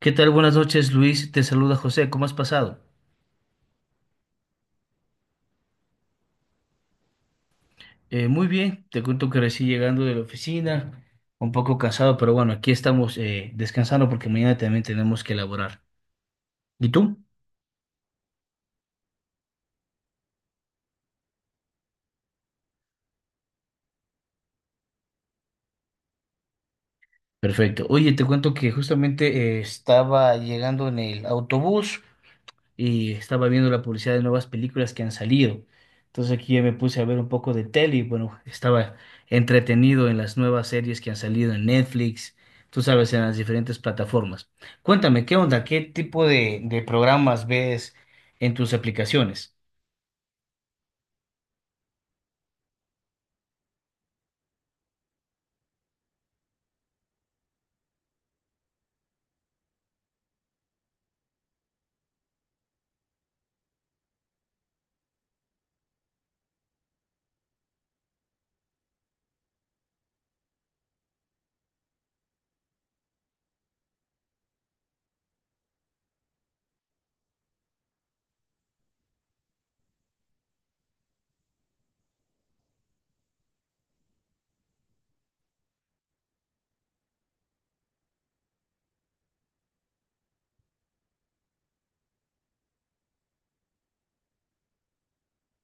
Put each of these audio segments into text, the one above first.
¿Qué tal? Buenas noches, Luis. Te saluda José. ¿Cómo has pasado? Muy bien. Te cuento que recién llegando de la oficina, un poco cansado, pero bueno, aquí estamos descansando porque mañana también tenemos que elaborar. ¿Y tú? Perfecto. Oye, te cuento que justamente estaba llegando en el autobús. Y estaba viendo la publicidad de nuevas películas que han salido. Entonces aquí ya me puse a ver un poco de tele y bueno, estaba entretenido en las nuevas series que han salido en Netflix, tú sabes, en las diferentes plataformas. Cuéntame, ¿qué onda? ¿Qué tipo de programas ves en tus aplicaciones?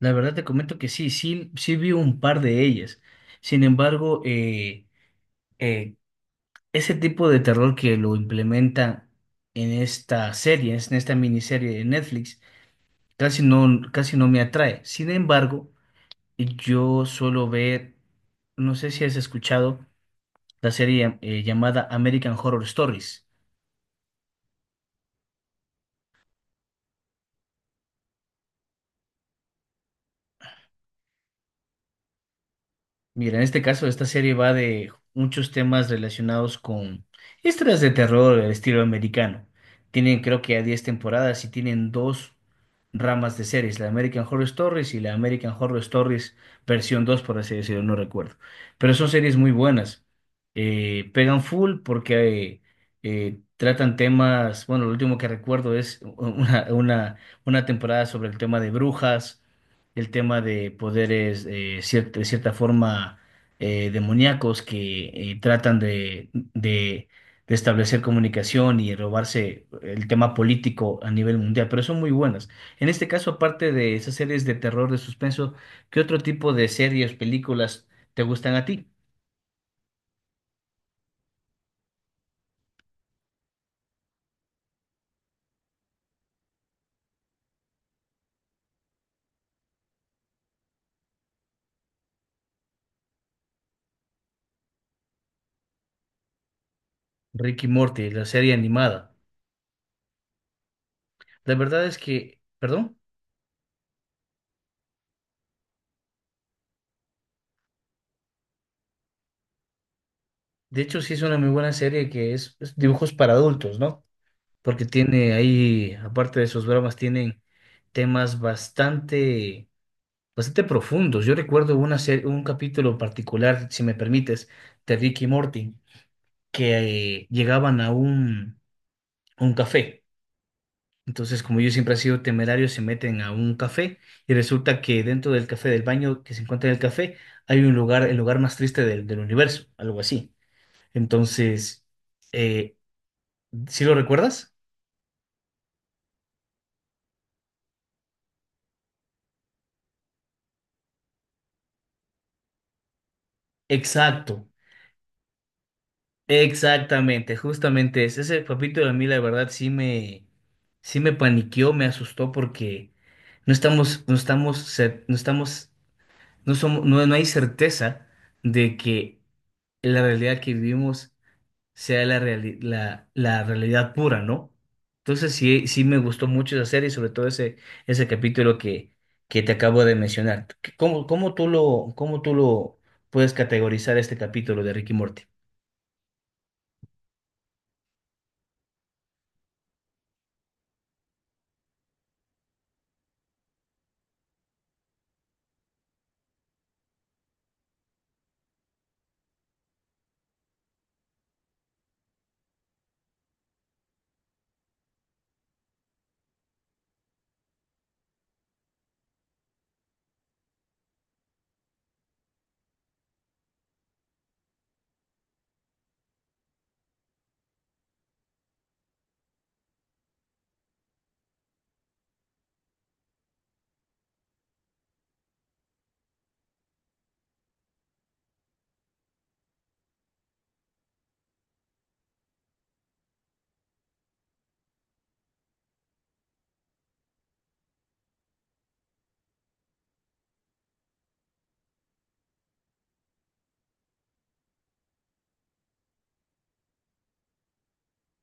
La verdad te comento que sí, sí, sí vi un par de ellas. Sin embargo, eh, ese tipo de terror que lo implementan en esta serie, en esta miniserie de Netflix, casi no me atrae. Sin embargo, yo suelo ver, no sé si has escuchado la serie llamada American Horror Stories. Mira, en este caso, esta serie va de muchos temas relacionados con historias de terror del estilo americano. Tienen, creo que, a 10 temporadas y tienen dos ramas de series, la American Horror Stories y la American Horror Stories versión dos por así decirlo, no recuerdo. Pero son series muy buenas. Pegan full porque tratan temas, bueno, lo último que recuerdo es una temporada sobre el tema de brujas, el tema de poderes de cierta forma demoníacos, que tratan de establecer comunicación y robarse el tema político a nivel mundial, pero son muy buenas. En este caso, aparte de esas series de terror, de suspenso, ¿qué otro tipo de series, películas te gustan a ti? Ricky y Morty, la serie animada. La verdad es que, perdón, de hecho sí es una muy buena serie que es dibujos para adultos, ¿no? Porque tiene ahí, aparte de sus bromas, tienen temas bastante, bastante profundos. Yo recuerdo un capítulo particular, si me permites, de Rick y Morty, que llegaban a un café. Entonces, como yo siempre he sido temerario, se meten a un café y resulta que dentro del café, del baño que se encuentra en el café, hay un lugar, el lugar más triste del universo, algo así. Entonces, eh, ¿sí lo recuerdas? Exacto. Exactamente, justamente ese capítulo a mí la verdad sí me paniqueó, me asustó porque no estamos, no estamos, no estamos, no somos, no, no hay certeza de que la realidad que vivimos sea la realidad pura, ¿no? Entonces sí, sí me gustó mucho esa serie, sobre todo ese capítulo que te acabo de mencionar. ¿Cómo tú lo puedes categorizar este capítulo de Ricky Morty?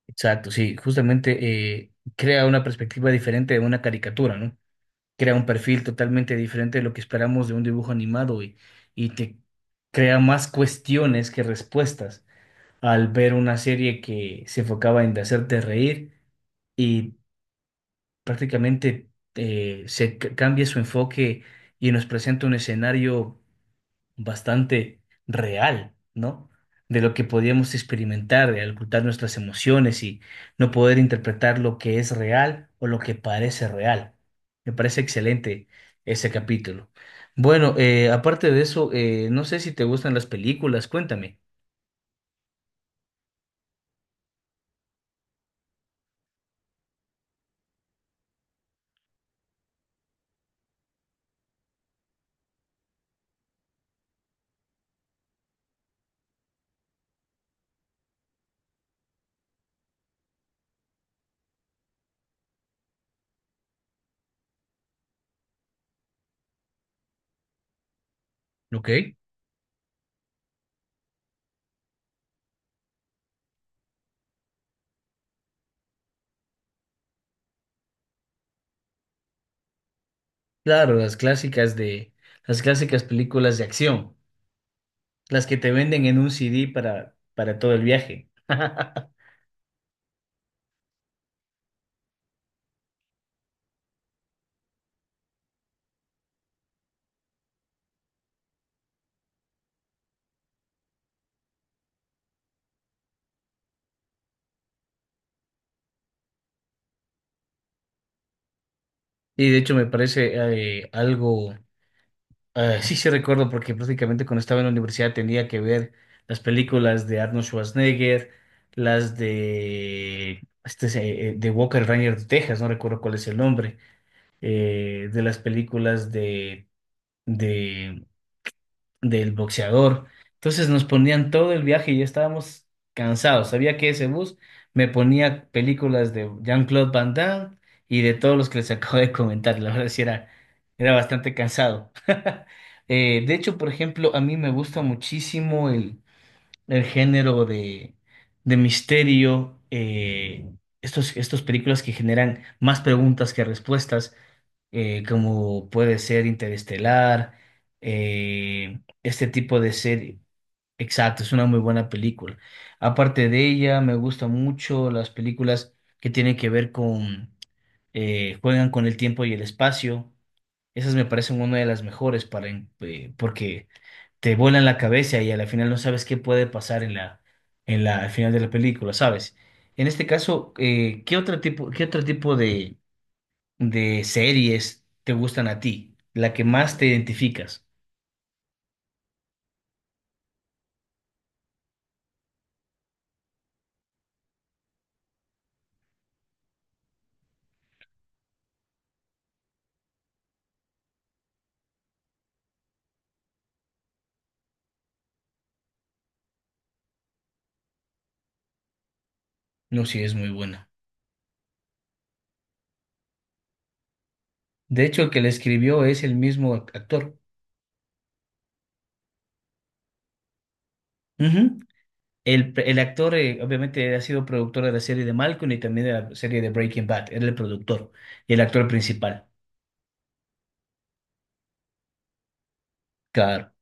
Exacto, sí, justamente crea una perspectiva diferente de una caricatura, ¿no? Crea un perfil totalmente diferente de lo que esperamos de un dibujo animado, y te crea más cuestiones que respuestas al ver una serie que se enfocaba en hacerte reír y prácticamente cambia su enfoque y nos presenta un escenario bastante real, ¿no? De lo que podíamos experimentar, de ocultar nuestras emociones y no poder interpretar lo que es real o lo que parece real. Me parece excelente ese capítulo. Bueno, aparte de eso, no sé si te gustan las películas, cuéntame. Ok. Claro, las clásicas películas de acción, las que te venden en un CD para todo el viaje. Y de hecho me parece algo. Sí, sí recuerdo porque prácticamente cuando estaba en la universidad tenía que ver las películas de Arnold Schwarzenegger, las de de Walker Ranger de Texas, no recuerdo cuál es el nombre, de las películas del boxeador. Entonces nos ponían todo el viaje y ya estábamos cansados. Sabía que ese bus me ponía películas de Jean-Claude Van Damme y de todos los que les acabo de comentar. La verdad sí era, era bastante cansado. De hecho, por ejemplo, a mí me gusta muchísimo el género de misterio, estos películas que generan más preguntas que respuestas, como puede ser Interestelar, este tipo de serie. Exacto, es una muy buena película. Aparte de ella, me gustan mucho las películas que tienen que ver con, juegan con el tiempo y el espacio. Esas me parecen una de las mejores para, porque te vuelan la cabeza y a la final no sabes qué puede pasar en la, al final de la película, ¿sabes? En este caso, ¿qué otro tipo de series te gustan a ti? La que más te identificas. No, sí, es muy buena. De hecho, el que la escribió es el mismo actor. Ujú. El actor, obviamente, ha sido productor de la serie de Malcolm y también de la serie de Breaking Bad. Era el productor y el actor principal. Claro.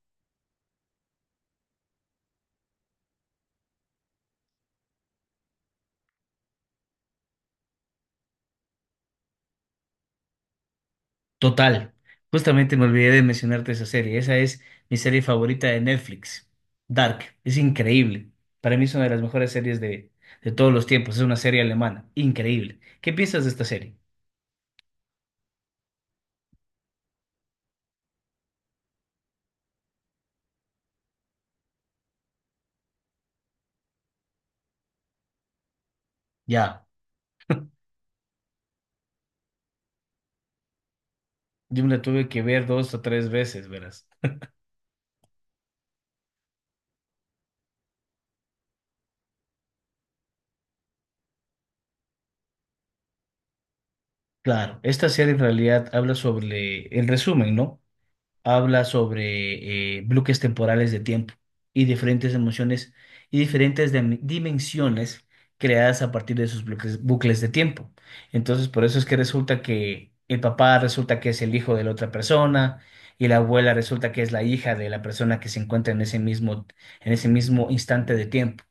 Total. Justamente me olvidé de mencionarte esa serie. Esa es mi serie favorita de Netflix. Dark. Es increíble. Para mí es una de las mejores series de todos los tiempos. Es una serie alemana. Increíble. ¿Qué piensas de esta serie? Ya, yo me la tuve que ver dos o tres veces, verás. Claro, esta serie en realidad habla sobre, el resumen, ¿no? Habla sobre bloques temporales de tiempo y diferentes emociones y diferentes dimensiones creadas a partir de esos bloques, bucles de tiempo. Entonces, por eso es que resulta que el papá resulta que es el hijo de la otra persona y la abuela resulta que es la hija de la persona que se encuentra en ese mismo instante de tiempo.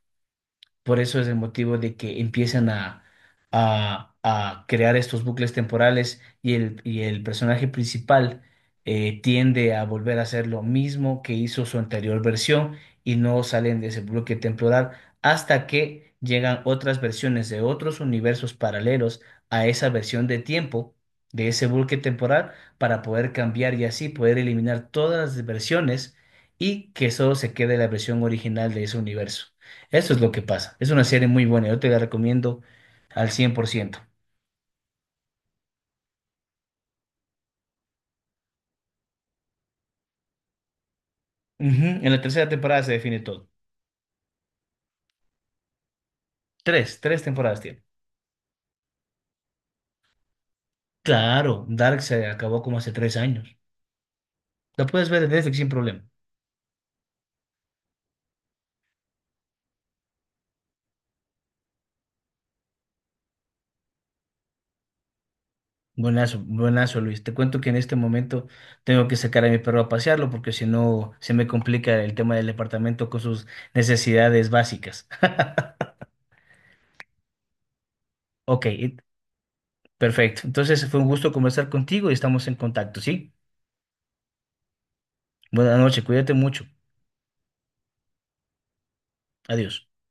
Por eso es el motivo de que empiezan a crear estos bucles temporales y y el personaje principal tiende a volver a hacer lo mismo que hizo su anterior versión y no salen de ese bloque temporal hasta que llegan otras versiones de otros universos paralelos a esa versión de tiempo de ese bloque temporal para poder cambiar y así poder eliminar todas las versiones y que solo se quede la versión original de ese universo. Eso es lo que pasa. Es una serie muy buena. Yo te la recomiendo al 100%. Ujú, en la tercera temporada se define todo. Tres, tres temporadas tiene. Claro, Dark se acabó como hace 3 años. La puedes ver en Netflix sin problema. Buenazo, buenazo, Luis. Te cuento que en este momento tengo que sacar a mi perro a pasearlo porque si no se me complica el tema del departamento con sus necesidades básicas. Ok, perfecto. Entonces fue un gusto conversar contigo y estamos en contacto, ¿sí? Buenas noches, cuídate mucho. Adiós.